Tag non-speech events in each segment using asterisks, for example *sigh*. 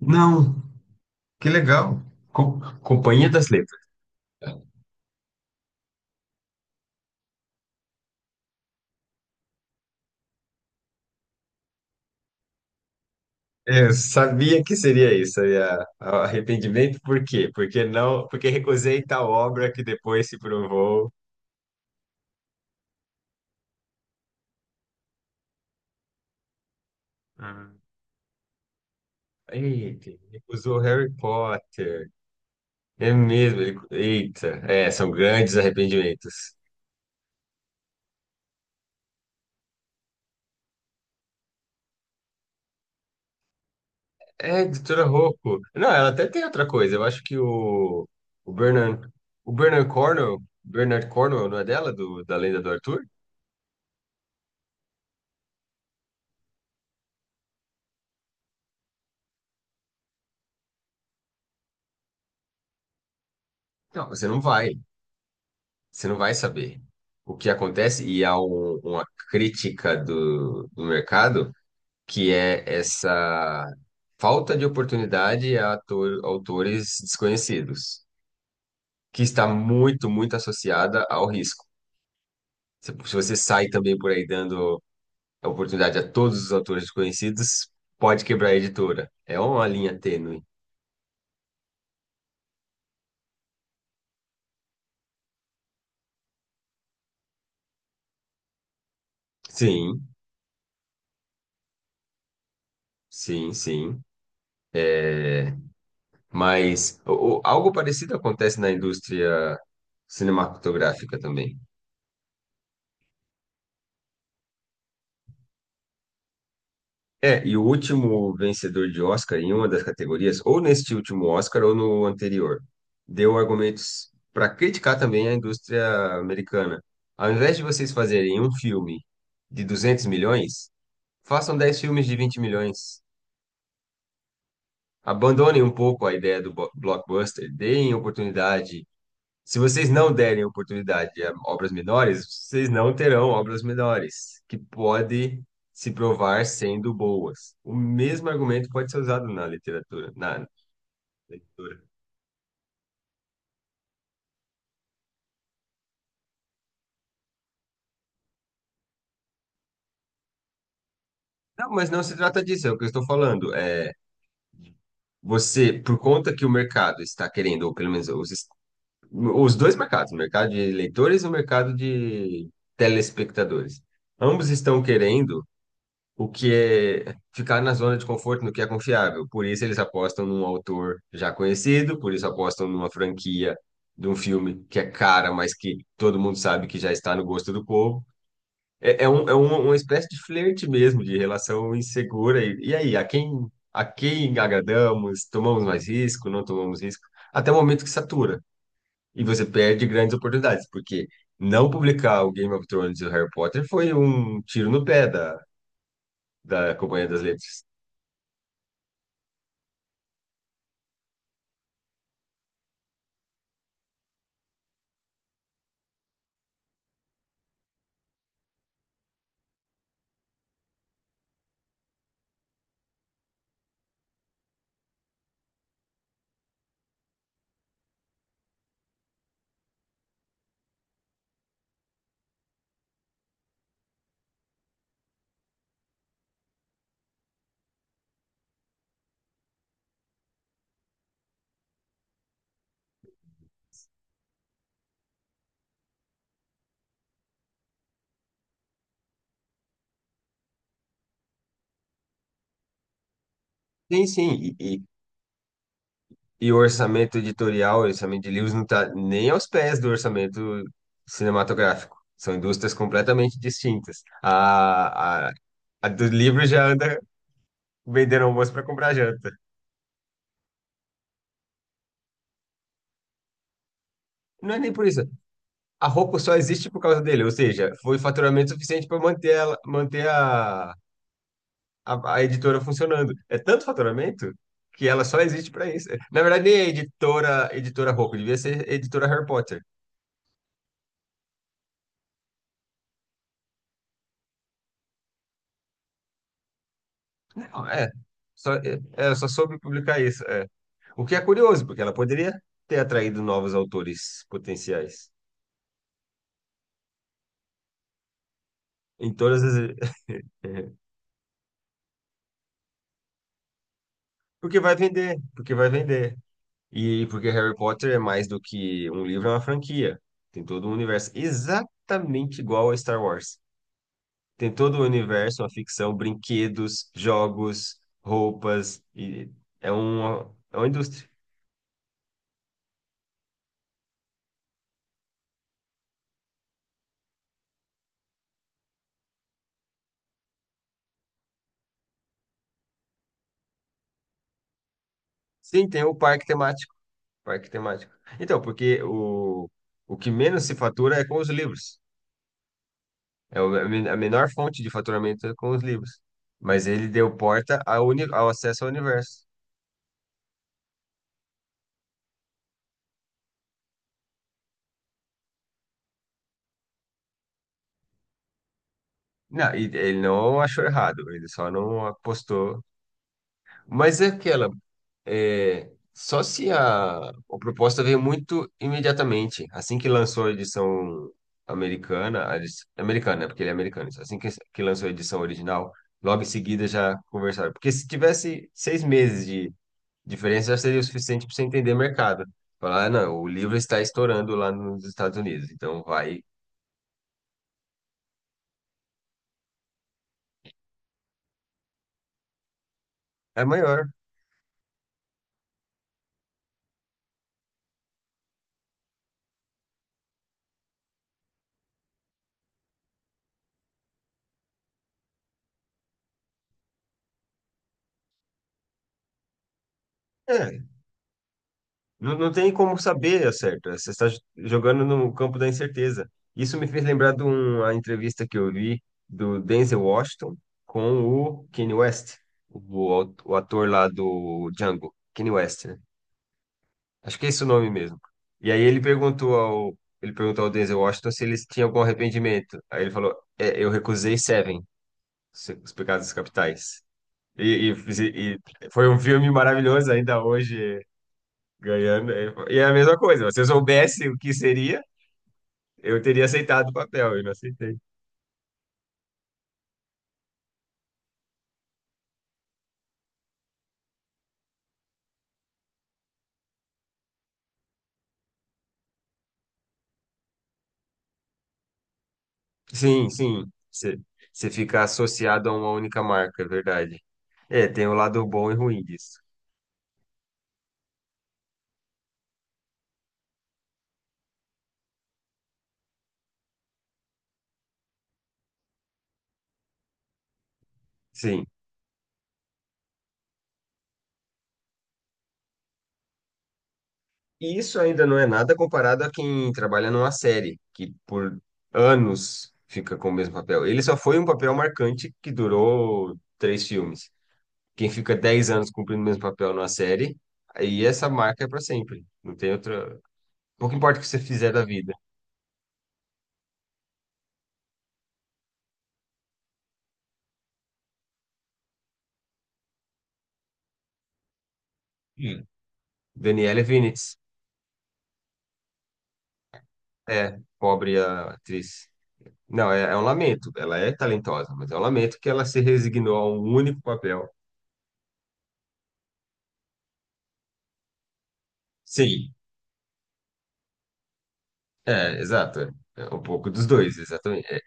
Não, que legal. Companhia das Letras. Eu sabia que seria isso, seria arrependimento. Por quê? Porque não, porque recusei tal obra que depois se provou. Ah. Eita, recusou Harry Potter. É mesmo. Eita, é, são grandes arrependimentos. É, doutora Rocco. Não, ela até tem outra coisa. Eu acho que o Bernard, o Bernard Cornwell, Bernard Cornwell, não é dela, do, da Lenda do Arthur? Não, você não vai. Você não vai saber o que acontece, e há uma crítica do mercado que é essa falta de oportunidade a autores desconhecidos, que está muito, muito associada ao risco. Se você sai também por aí dando a oportunidade a todos os autores desconhecidos, pode quebrar a editora. É uma linha tênue. Sim, sim, sim. É, mas algo parecido acontece na indústria cinematográfica também. É, e o último vencedor de Oscar em uma das categorias, ou neste último Oscar ou no anterior, deu argumentos para criticar também a indústria americana. Ao invés de vocês fazerem um filme de 200 milhões, façam 10 filmes de 20 milhões. Abandonem um pouco a ideia do blockbuster, deem oportunidade. Se vocês não derem oportunidade a obras menores, vocês não terão obras menores, que pode se provar sendo boas. O mesmo argumento pode ser usado na literatura, na leitura. Não, mas não se trata disso, é o que eu estou falando. É você, por conta que o mercado está querendo, ou pelo menos os dois mercados, o mercado de leitores e o mercado de telespectadores, ambos estão querendo o que é ficar na zona de conforto no que é confiável. Por isso eles apostam num autor já conhecido, por isso apostam numa franquia de um filme que é cara, mas que todo mundo sabe que já está no gosto do povo. É uma espécie de flerte mesmo, de relação insegura. E aí, a quem agradamos? Tomamos mais risco? Não tomamos risco? Até o momento que satura. E você perde grandes oportunidades, porque não publicar o Game of Thrones e o Harry Potter foi um tiro no pé da Companhia das Letras. Sim, sim, e o orçamento editorial, o orçamento de livros não está nem aos pés do orçamento cinematográfico. São indústrias completamente distintas. A do livro já anda vendendo almoço para comprar janta. Não é nem por isso. A Roku só existe por causa dele, ou seja, foi faturamento suficiente para manter ela, manter a editora funcionando. É tanto faturamento que ela só existe para isso. Na verdade, nem é editora, editora Roku, devia ser editora Harry Potter. É, só soube publicar isso. É. O que é curioso, porque ela poderia ter atraído novos autores potenciais. Em todas as. *laughs* Porque vai vender, porque vai vender. E porque Harry Potter é mais do que um livro, é uma franquia. Tem todo um universo exatamente igual a Star Wars. Tem todo o universo, uma ficção, brinquedos, jogos, roupas. E é uma indústria. Sim, tem o parque temático. Parque temático. Então, porque o que menos se fatura é com os livros. É a menor fonte de faturamento é com os livros. Mas ele deu porta ao acesso ao universo. Não, e ele não achou errado, ele só não apostou. Mas é aquela. É, só se a proposta veio muito imediatamente. Assim que lançou a edição americana, né? Porque ele é americano. Isso. Assim que, lançou a edição original, logo em seguida já conversaram. Porque se tivesse 6 meses de diferença, já seria o suficiente para você entender o mercado. Falar, ah, não, o livro está estourando lá nos Estados Unidos, então vai. É maior. É, não, não tem como saber, ao certo? Você está jogando no campo da incerteza. Isso me fez lembrar de uma entrevista que eu vi do Denzel Washington com o Kanye West, o ator lá do Django, Kanye West, né? Acho que é esse o nome mesmo. E aí ele perguntou ao Denzel Washington se eles tinham algum arrependimento. Aí ele falou, "É, eu recusei Seven, Os Pecados Capitais. E foi um filme maravilhoso, ainda hoje ganhando. E é a mesma coisa. Se eu soubesse o que seria, eu teria aceitado o papel. Eu não aceitei. Sim, sim. Você fica associado a uma única marca, é verdade. É, tem o lado bom e ruim disso. Sim. E isso ainda não é nada comparado a quem trabalha numa série, que por anos fica com o mesmo papel. Ele só foi um papel marcante que durou três filmes. Quem fica 10 anos cumprindo o mesmo papel numa série, aí essa marca é para sempre. Não tem outra. Pouco importa o que você fizer da vida. Hum. Daniela Vinitz. É, pobre a atriz. Não, é um lamento. Ela é talentosa, mas é um lamento que ela se resignou a um único papel. Sim. É, exato. É um pouco dos dois, exatamente. É,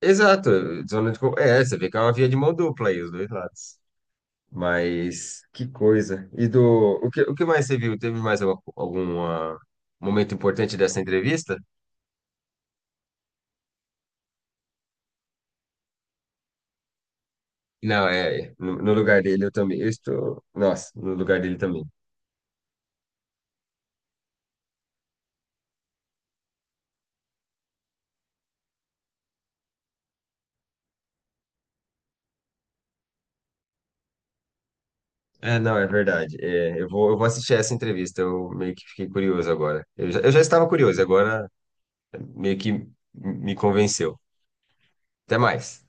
exato. Zona de con-. É, você vê que é uma via de mão dupla aí, os dois lados. Mas que coisa. E do. O que mais você viu? Teve mais algum momento importante dessa entrevista? Não, é. No lugar dele eu também. Eu estou. Nossa, no lugar dele também. É, não, é verdade. É, eu vou assistir essa entrevista. Eu meio que fiquei curioso agora. Eu já estava curioso, agora meio que me convenceu. Até mais.